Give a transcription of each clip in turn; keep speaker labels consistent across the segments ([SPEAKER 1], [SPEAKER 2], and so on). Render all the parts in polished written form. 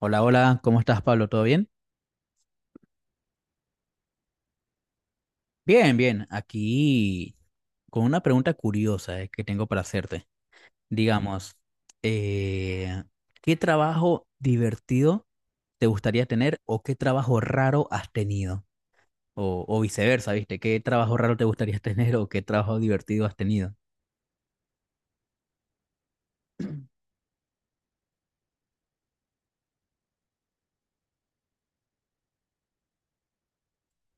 [SPEAKER 1] Hola, hola, ¿cómo estás, Pablo? ¿Todo bien? Bien, bien. Aquí con una pregunta curiosa que tengo para hacerte. Digamos, eh, ¿qué trabajo divertido te gustaría tener o qué trabajo raro has tenido? O viceversa, ¿viste? ¿Qué trabajo raro te gustaría tener o qué trabajo divertido has tenido?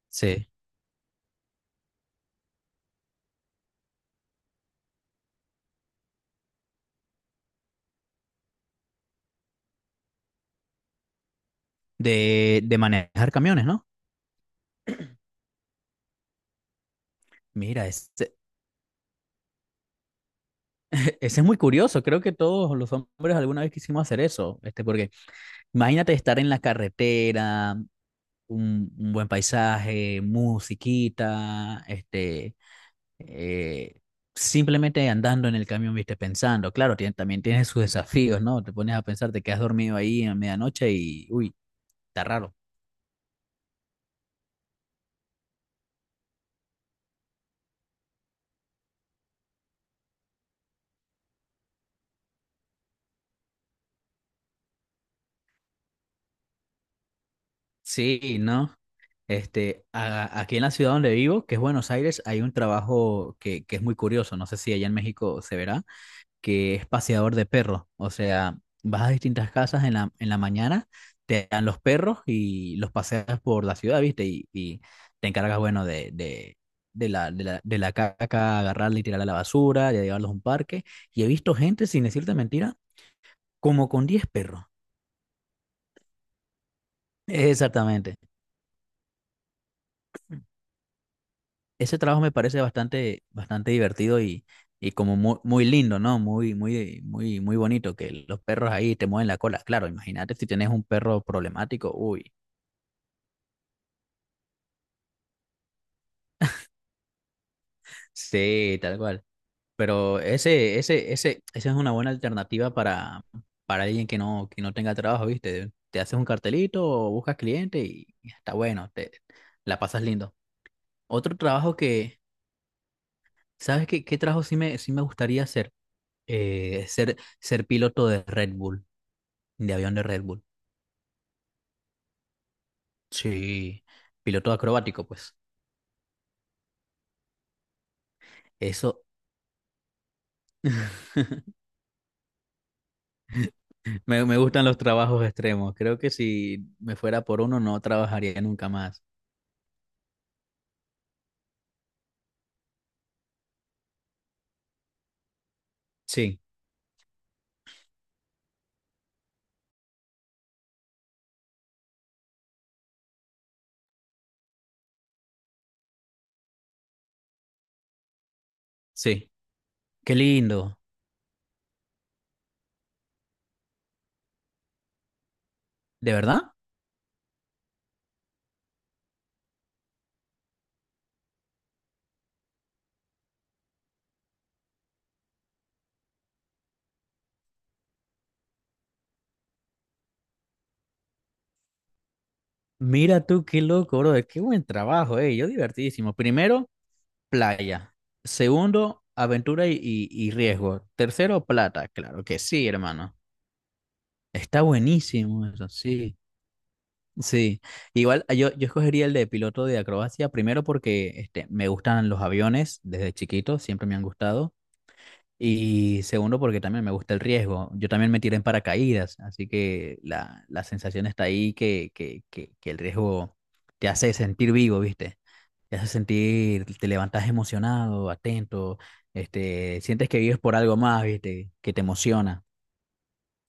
[SPEAKER 1] Sí. De manejar camiones, ¿no? Mira, ese, ese es muy curioso. Creo que todos los hombres alguna vez quisimos hacer eso, este, porque imagínate estar en la carretera un buen paisaje, musiquita, este, eh, simplemente andando en el camión, viste, pensando. Claro, también tiene sus desafíos, ¿no? Te pones a pensar, te quedas dormido ahí a medianoche y, uy, está raro. Sí, ¿no? Este, aquí en la ciudad donde vivo, que es Buenos Aires, hay un trabajo que es muy curioso. No sé si allá en México se verá, que es paseador de perros. O sea, vas a distintas casas en la mañana, te dan los perros y los paseas por la ciudad, ¿viste? Y te encargas, bueno, de la caca, agarrarla y tirarla a la basura, de llevarlos a un parque. Y he visto gente, sin decirte mentira, como con 10 perros. Exactamente. Ese trabajo me parece bastante, bastante divertido y como muy, muy lindo, ¿no? Muy, muy, muy, muy bonito que los perros ahí te mueven la cola. Claro, imagínate si tienes un perro problemático, uy. Sí, tal cual. Pero esa es una buena alternativa para alguien que no tenga trabajo, ¿viste? Te haces un cartelito o buscas cliente y está bueno, te la pasas lindo. Otro trabajo que, ¿sabes qué, qué trabajo sí me gustaría hacer? Ser piloto de Red Bull, de avión de Red Bull. Sí, piloto acrobático, pues. Eso, me gustan los trabajos extremos. Creo que si me fuera por uno, no trabajaría nunca más. Sí, sí. Qué lindo. ¿De verdad? Mira tú, qué loco, bro. Qué buen trabajo, eh. Yo divertidísimo. Primero, playa. Segundo, aventura y riesgo. Tercero, plata. Claro que sí, hermano. Está buenísimo eso, sí. Sí. Igual yo, yo escogería el de piloto de acrobacia, primero porque este, me gustan los aviones desde chiquito, siempre me han gustado. Y segundo, porque también me gusta el riesgo. Yo también me tiré en paracaídas, así que la sensación está ahí que el riesgo te hace sentir vivo, ¿viste? Te hace sentir, te levantas emocionado, atento, este, sientes que vives por algo más, ¿viste? Que te emociona.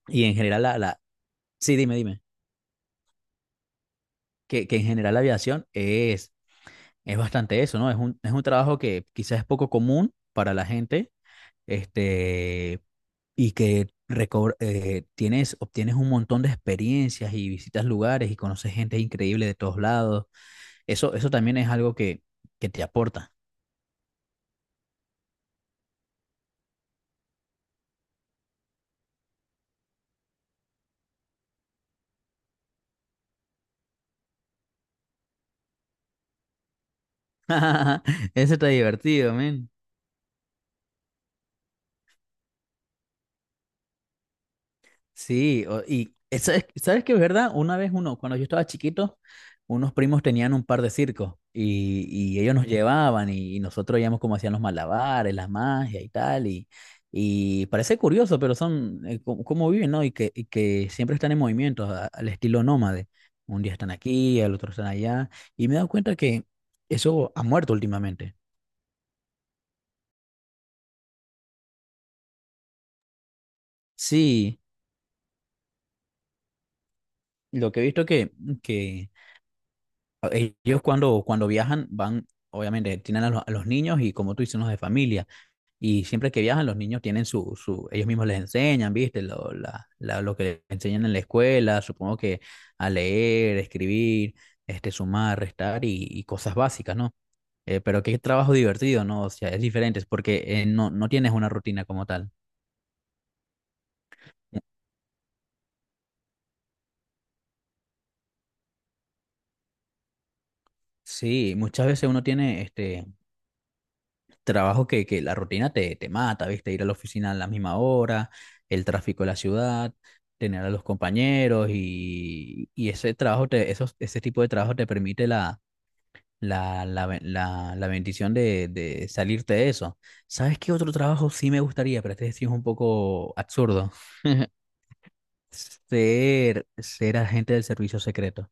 [SPEAKER 1] Y en general, la... sí, dime, dime, que en general la aviación es bastante eso, ¿no? Es un trabajo que quizás es poco común para la gente, este, y que tienes, obtienes un montón de experiencias y visitas lugares y conoces gente increíble de todos lados. Eso también es algo que te aporta. Eso está divertido, sí, y esa ¿sabes qué es verdad? Una vez uno, cuando yo estaba chiquito, unos primos tenían un par de circos y ellos nos llevaban y nosotros veíamos cómo hacían los malabares, las magias y tal. Y parece curioso, pero son cómo, cómo viven, ¿no? Y que siempre están en movimiento, al estilo nómade. Un día están aquí, al otro están allá. Y me he dado cuenta que eso ha muerto últimamente. Sí, lo que he visto que ellos cuando, cuando viajan van, obviamente, tienen a los niños y como tú dices, los de familia. Y siempre que viajan, los niños tienen su, su ellos mismos les enseñan, ¿viste? Lo, lo que les enseñan en la escuela, supongo que a leer, escribir, este, sumar, restar y cosas básicas, ¿no? Pero qué trabajo divertido, ¿no? O sea, es diferente, es porque no, no tienes una rutina como tal. Sí, muchas veces uno tiene este, trabajo que la rutina te, te mata, ¿viste? Ir a la oficina a la misma hora, el tráfico de la ciudad, tener a los compañeros y ese trabajo, te, esos, ese tipo de trabajo te permite la, la, la, la bendición de salirte de eso. ¿Sabes qué otro trabajo sí me gustaría? Pero este sí es un poco absurdo. Ser, ser agente del servicio secreto.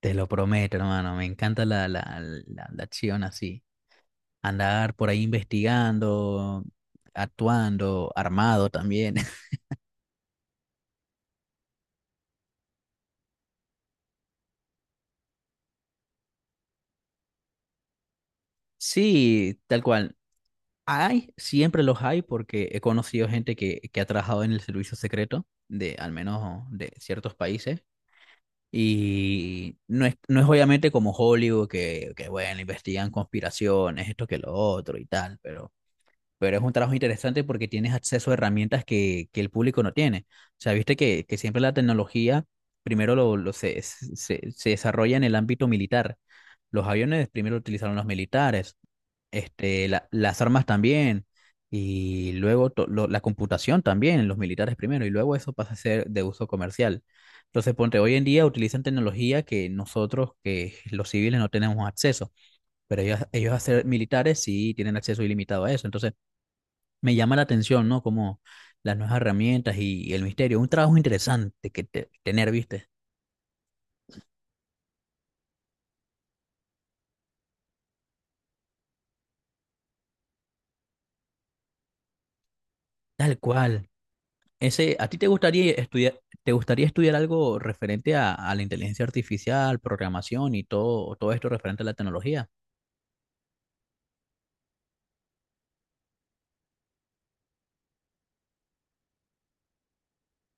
[SPEAKER 1] Te lo prometo, hermano. Me encanta la, la, la, la acción así. Andar por ahí investigando, actuando, armado también. Sí, tal cual. Hay, siempre los hay porque he conocido gente que ha trabajado en el servicio secreto de al menos de ciertos países. Y no es, no es obviamente como Hollywood que bueno, investigan conspiraciones, esto que lo otro y tal, pero es un trabajo interesante porque tienes acceso a herramientas que el público no tiene. O sea, viste que siempre la tecnología primero se desarrolla en el ámbito militar. Los aviones primero utilizaron los militares, este, las armas también, y luego la computación también, los militares primero, y luego eso pasa a ser de uso comercial. Entonces, ponte, hoy en día utilizan tecnología que nosotros, que los civiles, no tenemos acceso, pero ellos a ser militares sí tienen acceso ilimitado a eso. Entonces, me llama la atención, ¿no? Como las nuevas herramientas y, el misterio. Un trabajo interesante que tener, ¿viste? Tal cual. Ese, ¿a ti te gustaría estudiar algo referente a la inteligencia artificial, programación y todo, todo esto referente a la tecnología?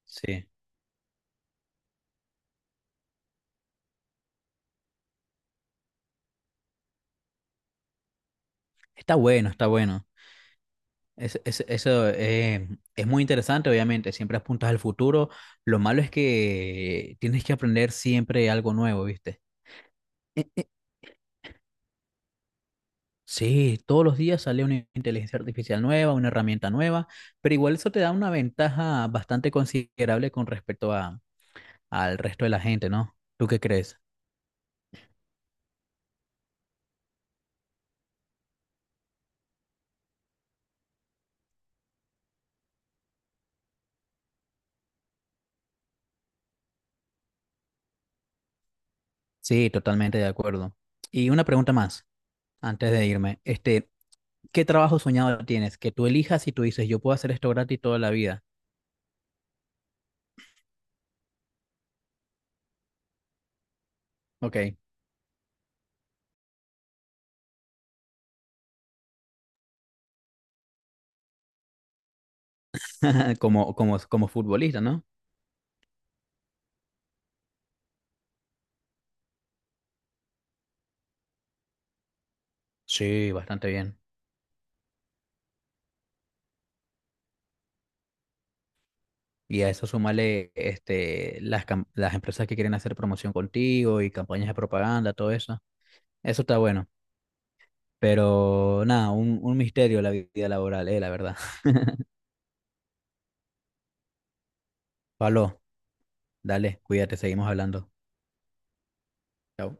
[SPEAKER 1] Sí. Está bueno, está bueno. Eso es muy interesante, obviamente. Siempre apuntas al futuro. Lo malo es que tienes que aprender siempre algo nuevo, ¿viste? Sí, todos los días sale una inteligencia artificial nueva, una herramienta nueva, pero igual eso te da una ventaja bastante considerable con respecto a, al resto de la gente, ¿no? ¿Tú qué crees? Sí, totalmente de acuerdo. Y una pregunta más, antes de irme. Este, ¿qué trabajo soñado tienes? Que tú elijas y tú dices, yo puedo hacer esto gratis toda la vida. Ok, como, como, como futbolista, ¿no? Sí, bastante bien. Y a eso súmale este, las, las empresas que quieren hacer promoción contigo y campañas de propaganda, todo eso. Eso está bueno. Pero nada, un misterio la vida laboral, la verdad. Pablo, dale, cuídate, seguimos hablando. Chao.